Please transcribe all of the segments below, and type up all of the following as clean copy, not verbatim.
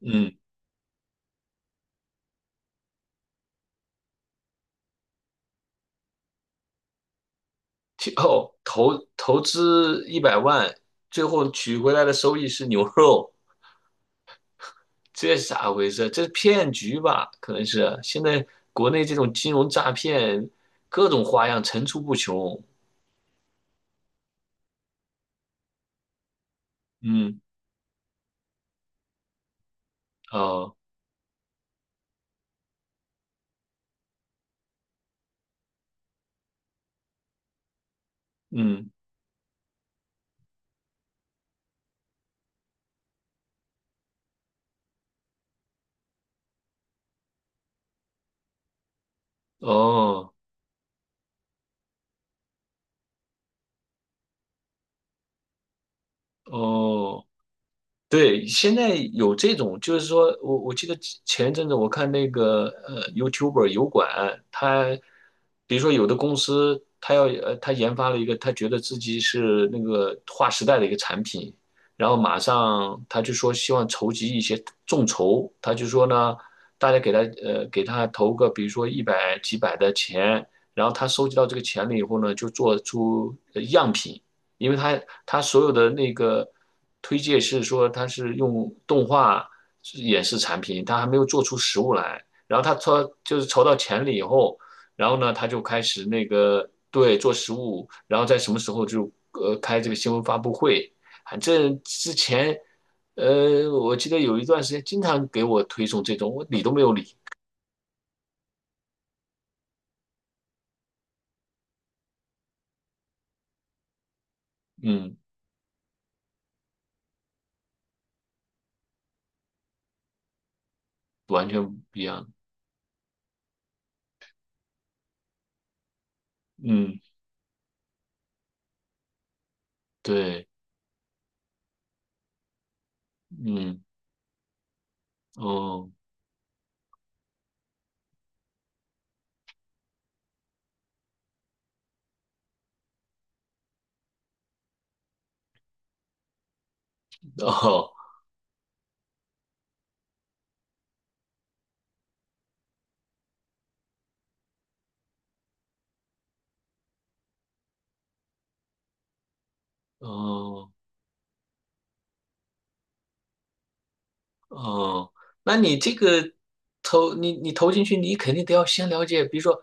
嗯，投资100万，最后取回来的收益是牛肉，这是咋回事？这是骗局吧？可能是现在国内这种金融诈骗，各种花样层出不穷。嗯，哦，嗯，哦，哦。对，现在有这种，就是说我记得前一阵子我看那个YouTuber 油管，他比如说有的公司他研发了一个他觉得自己是那个划时代的一个产品，然后马上他就说希望筹集一些众筹，他就说呢大家给他投个比如说一百几百的钱，然后他收集到这个钱了以后呢就做出样品。因为他所有的那个推荐是说他是用动画演示产品，他还没有做出实物来。然后他筹就是筹到钱了以后，然后呢他就开始那个对做实物，然后在什么时候就开这个新闻发布会。反正之前我记得有一段时间经常给我推送这种，我理都没有理，嗯，完全不一样，嗯，对，嗯，哦，哦，哦。哦，那你这个你投进去，你肯定得要先了解，比如说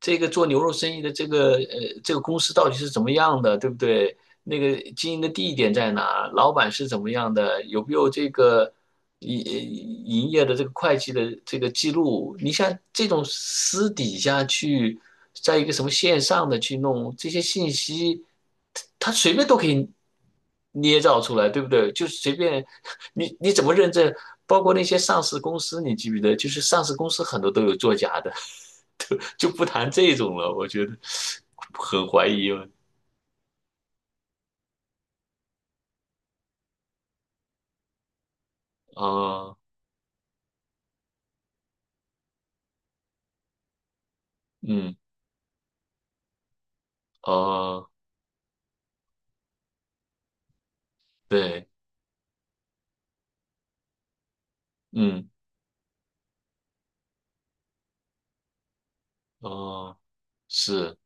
这个做牛肉生意的这个这个公司到底是怎么样的，对不对？那个经营的地点在哪？老板是怎么样的？有没有这个营营业的这个会计的这个记录？你像这种私底下去，在一个什么线上的去弄这些信息，他他随便都可以捏造出来，对不对？就是随便。你怎么认证？包括那些上市公司，你记不记得？就是上市公司很多都有作假的，就不谈这种了。我觉得很怀疑了。啊，嗯，哦，对，嗯，哦，是，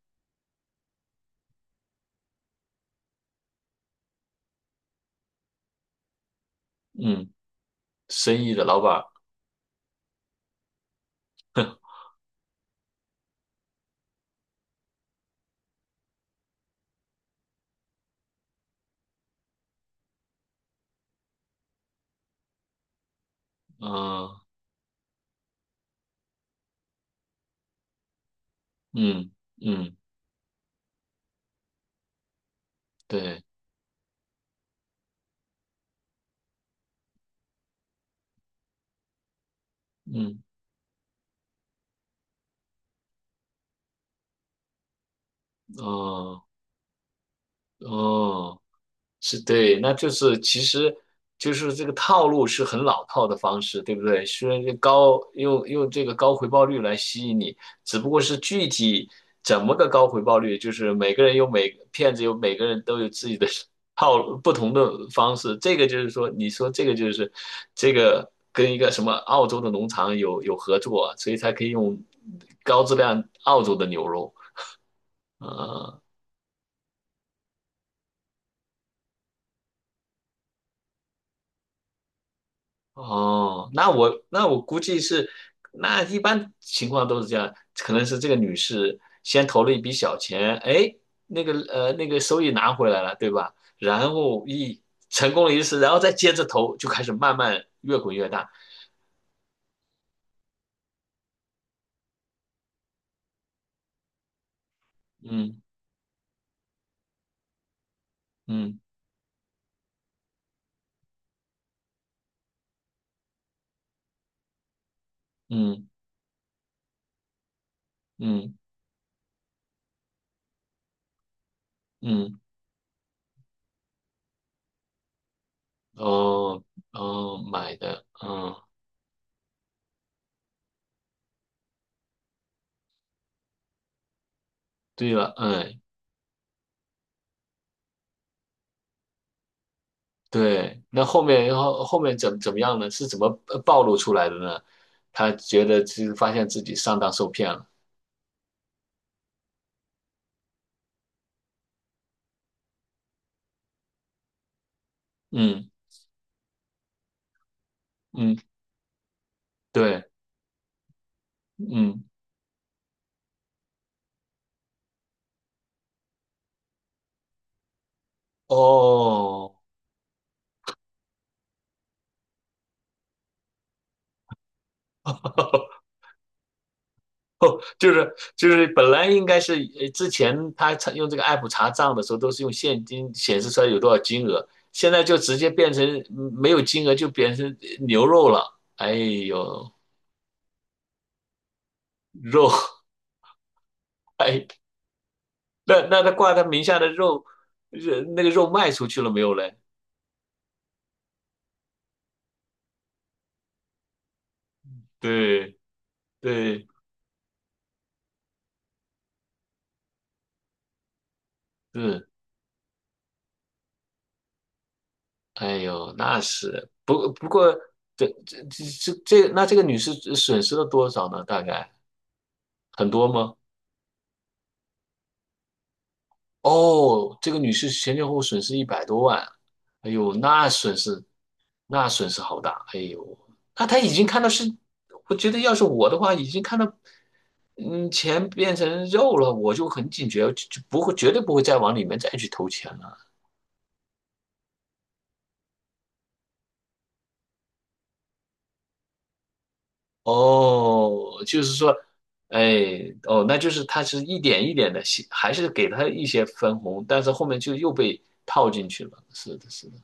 嗯，生意的老板儿，嗯嗯嗯，对，嗯，哦哦。是对，那就是其实就是这个套路是很老套的方式，对不对？虽然这高用用这个高回报率来吸引你，只不过是具体怎么个高回报率，就是每个人都有自己的 套路，不同的方式。这个就是说，你说这个就是这个跟一个什么澳洲的农场有合作啊所以才可以用高质量澳洲的牛肉，呃哦，那我估计是，那一般情况都是这样，可能是这个女士先投了一笔小钱，哎，那个收益拿回来了，对吧？然后成功了一次，然后再接着投，就开始慢慢越滚越大。嗯嗯嗯嗯嗯，哦哦，买的，嗯，对了，嗯，对，那后面然后后面怎么样呢？是怎么暴露出来的呢？他觉得是发现自己上当受骗了。嗯嗯，对，嗯哦，哦，就是本来应该是之前他用这个 app 查账的时候都是用现金显示出来有多少金额，现在就直接变成没有金额就变成牛肉了。哎呦，肉，哎，那他挂他名下的肉，那个肉卖出去了没有嘞？对对是，哎呦，那是不过，这这这这，那这个女士损失了多少呢？大概很多吗？哦，这个女士前前后后损失100多万，哎呦，那损失好大，哎呦，那她已经看到是，我觉得要是我的话，已经看到钱变成肉了，我就很警觉，就不会绝对不会再往里面再去投钱了。哦，就是说，哎，哦，那就是他是一点一点的，还是给他一些分红，但是后面就又被套进去了。是的，是的。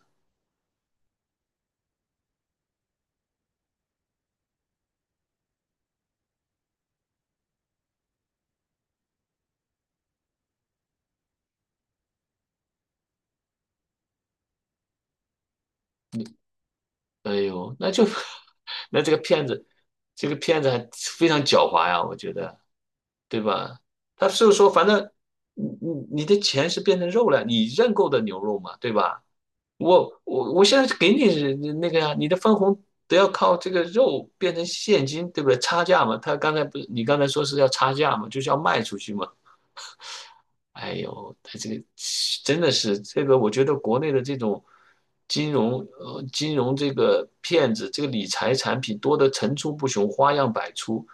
哎呦，那就 那这个骗子，还非常狡猾呀，我觉得，对吧？他就是说，反正你的钱是变成肉了，你认购的牛肉嘛，对吧？我现在给你那个呀，你的分红都要靠这个肉变成现金，对不对？差价嘛，他刚才不是你刚才说是要差价嘛，就是要卖出去嘛。哎呦，他这个真的是这个，我觉得国内的这种金融这个骗子，这个理财产品多得层出不穷，花样百出。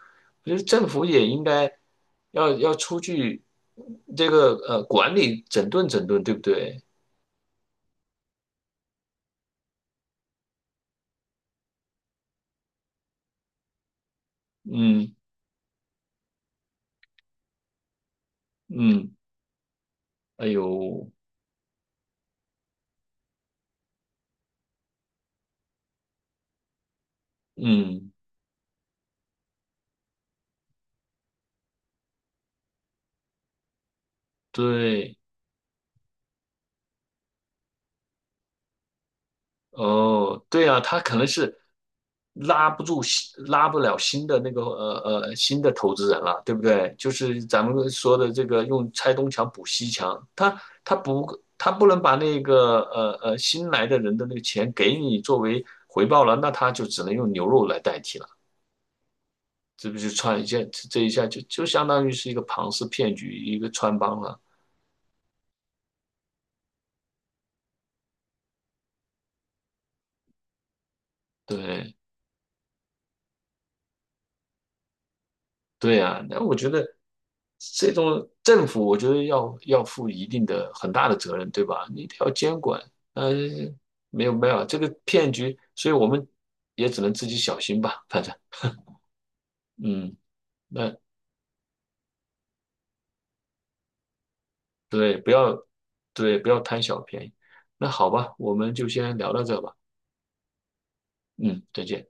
我觉得政府也应该要出去这个管理整顿整顿，对不对？嗯嗯，哎呦，嗯。对，哦，对啊，他可能是拉不住新，拉不了新的那个新的投资人了，对不对？就是咱们说的这个用拆东墙补西墙，他不能把那个新来的人的那个钱给你作为回报了，那他就只能用牛肉来代替了，这不就串一下，这一下就相当于是一个庞氏骗局，一个穿帮了，对。对啊，那我觉得这种政府，我觉得要负一定的很大的责任，对吧？你得要监管，呃，没有没有这个骗局，所以我们也只能自己小心吧，反正，嗯，那对，不要对，不要贪小便宜。那好吧，我们就先聊到这吧，嗯，再见。